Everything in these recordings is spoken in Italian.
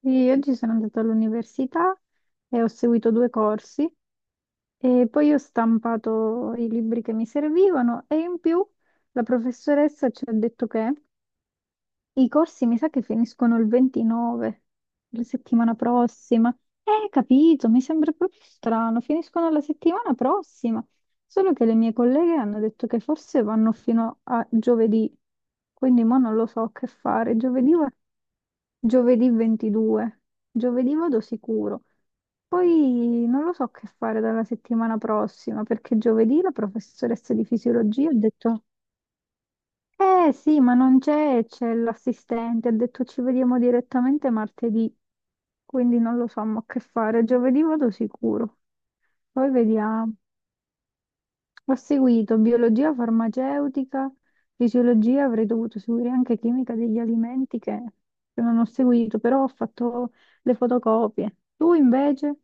Sì, oggi sono andata all'università e ho seguito due corsi e poi ho stampato i libri che mi servivano e in più la professoressa ci ha detto che i corsi mi sa che finiscono il 29, la settimana prossima. Capito, mi sembra proprio strano, finiscono la settimana prossima. Solo che le mie colleghe hanno detto che forse vanno fino a giovedì, quindi mo non lo so che fare. Giovedì, giovedì 22, giovedì vado sicuro. Poi non lo so che fare dalla settimana prossima, perché giovedì la professoressa di fisiologia ha detto. Eh sì, ma non c'è, c'è l'assistente, ha detto ci vediamo direttamente martedì, quindi non lo so, ma che fare, giovedì vado sicuro. Poi vediamo. Ho seguito biologia farmaceutica, fisiologia, avrei dovuto seguire anche chimica degli alimenti che non ho seguito, però ho fatto le fotocopie. Tu invece?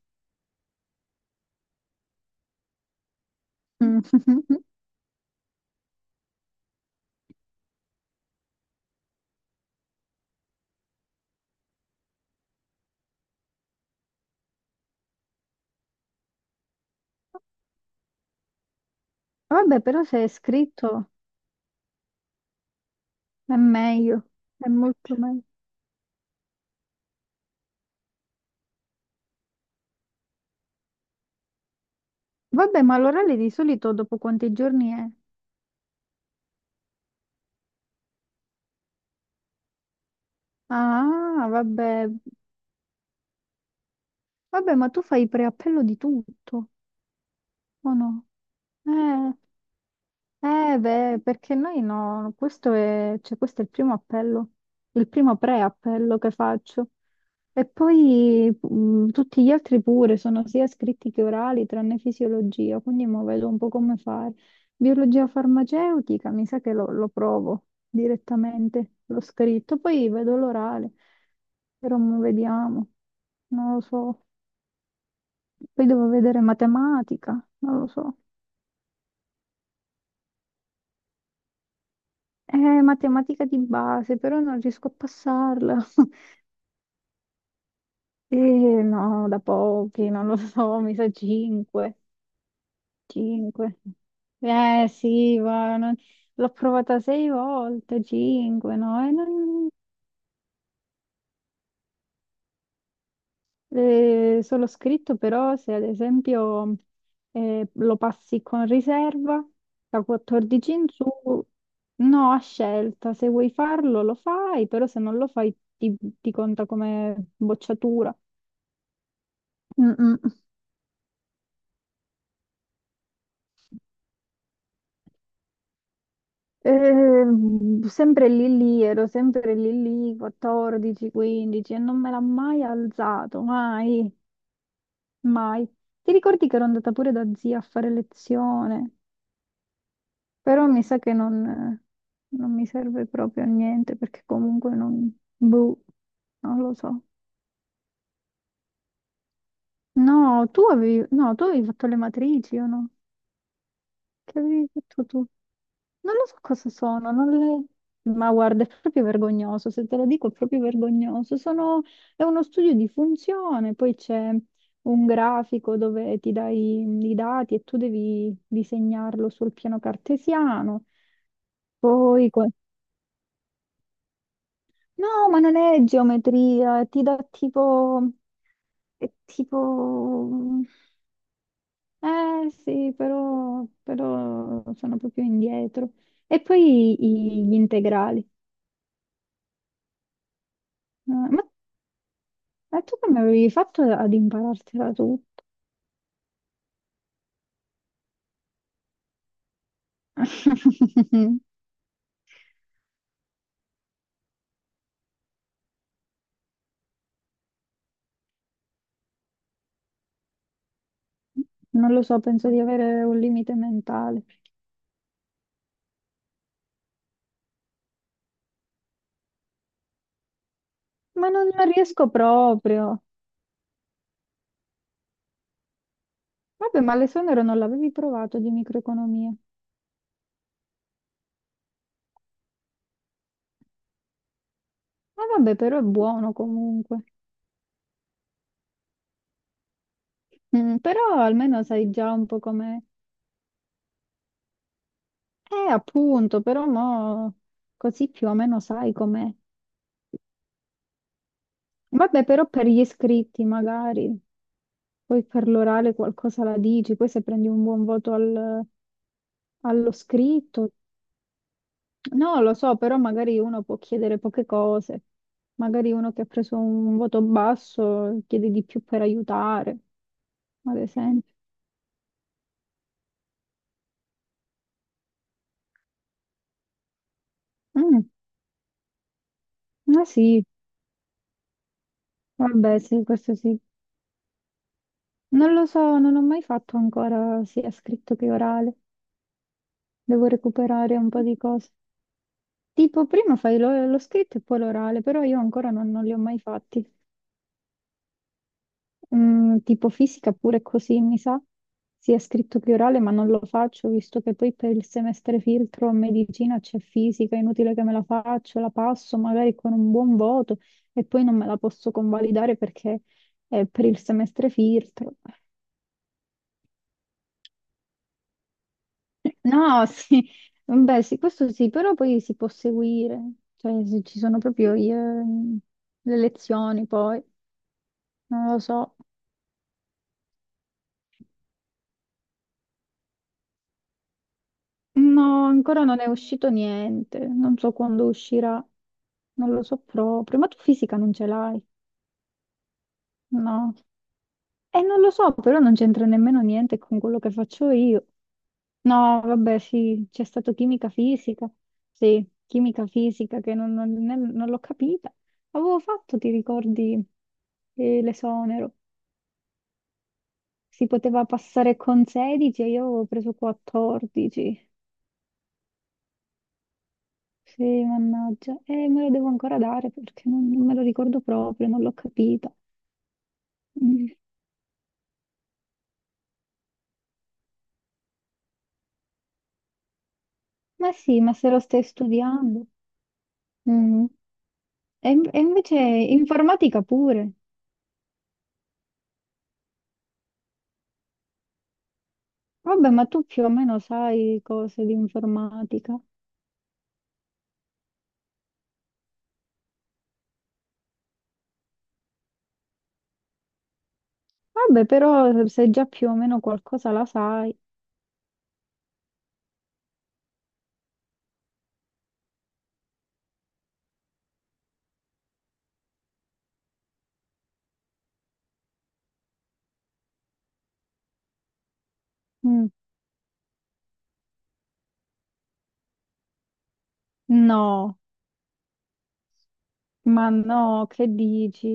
Mm. Vabbè, però se è scritto è meglio, è molto meglio. Vabbè, ma l'orale di solito dopo quanti giorni è? Ah, vabbè. Vabbè, ma tu fai preappello di tutto, o no? Eh. Eh beh, perché noi no, questo è, cioè, questo è il primo appello, il primo pre-appello che faccio. E poi tutti gli altri pure sono sia scritti che orali, tranne fisiologia, quindi mo vedo un po' come fare. Biologia farmaceutica, mi sa che lo provo direttamente, l'ho scritto, poi vedo l'orale, però mo vediamo, non lo so. Poi devo vedere matematica, non lo so. È matematica di base, però non riesco a passarla. Eh, no, da pochi, non lo so, mi sa 5. 5. Eh sì, ma l'ho provata sei volte, 5, no? Solo scritto, però se ad esempio lo passi con riserva, da 14 in su, no, a scelta, se vuoi farlo lo fai, però se non lo fai ti conta come bocciatura. Mm, mm. Sempre lì lì, ero sempre lì lì, 14, 15 e non me l'ha mai alzato, mai, mai. Ti ricordi che ero andata pure da zia a fare lezione, però mi sa che non mi serve proprio a niente perché comunque non, boh, non lo so. No, tu avevi, no, tu avevi fatto le matrici o no? Che avevi detto tu? Non lo so cosa sono, non le. Ma guarda, è proprio vergognoso, se te lo dico è proprio vergognoso. Sono. È uno studio di funzione, poi c'è un grafico dove ti dai i dati e tu devi disegnarlo sul piano cartesiano. Poi. No, ma non è geometria, ti dà tipo. È tipo. Eh sì, però sono proprio indietro. E poi gli integrali. Ma, ma tu come avevi fatto ad imparartela tutto? Non lo so, penso di avere un limite mentale. Ma non riesco proprio. Vabbè, ma l'esonero non l'avevi provato di microeconomia. Ah, vabbè, però è buono comunque. Mm, però almeno sai già un po' com'è. Appunto, però mo così più o meno sai com'è. Vabbè, però per gli iscritti magari, poi per l'orale qualcosa la dici, poi se prendi un buon voto allo scritto, no, lo so, però magari uno può chiedere poche cose, magari uno che ha preso un voto basso chiede di più per aiutare, ad esempio. Mm, ma sì, vabbè, sì, questo sì. Non lo so, non ho mai fatto ancora sia scritto che orale, devo recuperare un po' di cose. Tipo, prima fai lo scritto e poi l'orale, però io ancora non li ho mai fatti. Mm, tipo fisica pure così, mi sa, sia scritto che orale, ma non lo faccio, visto che poi per il semestre filtro a medicina c'è fisica, è inutile che me la faccio, la passo magari con un buon voto e poi non me la posso convalidare perché è per il semestre filtro. No, sì, beh, sì, questo sì, però poi si può seguire, cioè se ci sono proprio le lezioni poi, non lo so. No, ancora non è uscito niente, non so quando uscirà, non lo so proprio, ma tu fisica non ce l'hai, no? E non lo so, però non c'entra nemmeno niente con quello che faccio io. No, vabbè, sì, c'è stato chimica fisica, sì, chimica fisica che non l'ho capita. Avevo fatto, ti ricordi, l'esonero? Si poteva passare con 16 e io avevo preso 14. Sì, mannaggia. E me lo devo ancora dare perché non me lo ricordo proprio, non l'ho capita. Mm. Ma sì, ma se lo stai studiando. Mm. E invece informatica pure. Vabbè, ma tu più o meno sai cose di informatica. Vabbè, però se già più o meno qualcosa la sai. Mm. No, ma no, che dici?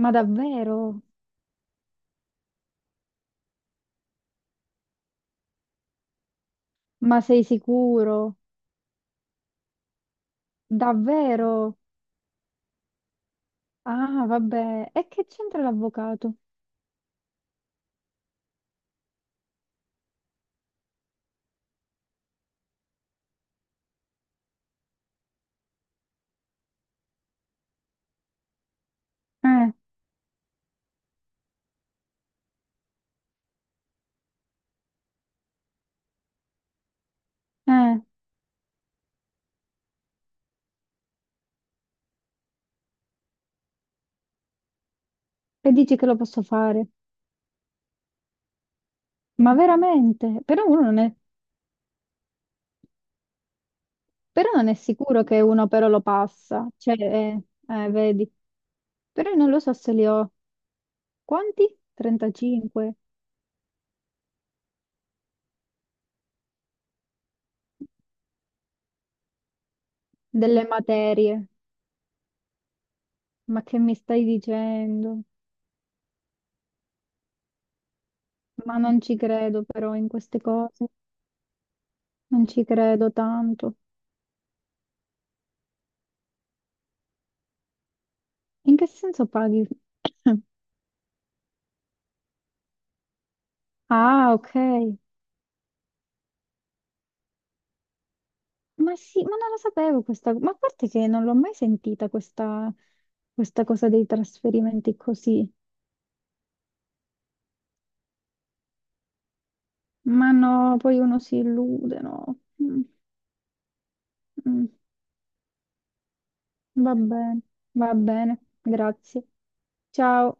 Ma davvero? Ma sei sicuro? Davvero? Ah, vabbè. E che c'entra l'avvocato? Eh. Eh, e dici che lo posso fare? Ma veramente? Però uno non è, però non è sicuro che uno però lo passa. Cioè, vedi. Però io non lo so se li ho. Quanti? 35 delle materie. Ma che mi stai dicendo? Ma non ci credo però in queste cose. Non ci credo tanto. In che senso paghi? Ah, ok. Ma sì, ma non lo sapevo questa, ma a parte che non l'ho mai sentita questa cosa dei trasferimenti così. Ma no, poi uno si illude, no. Mm, mm. Va bene, va bene, grazie. Ciao.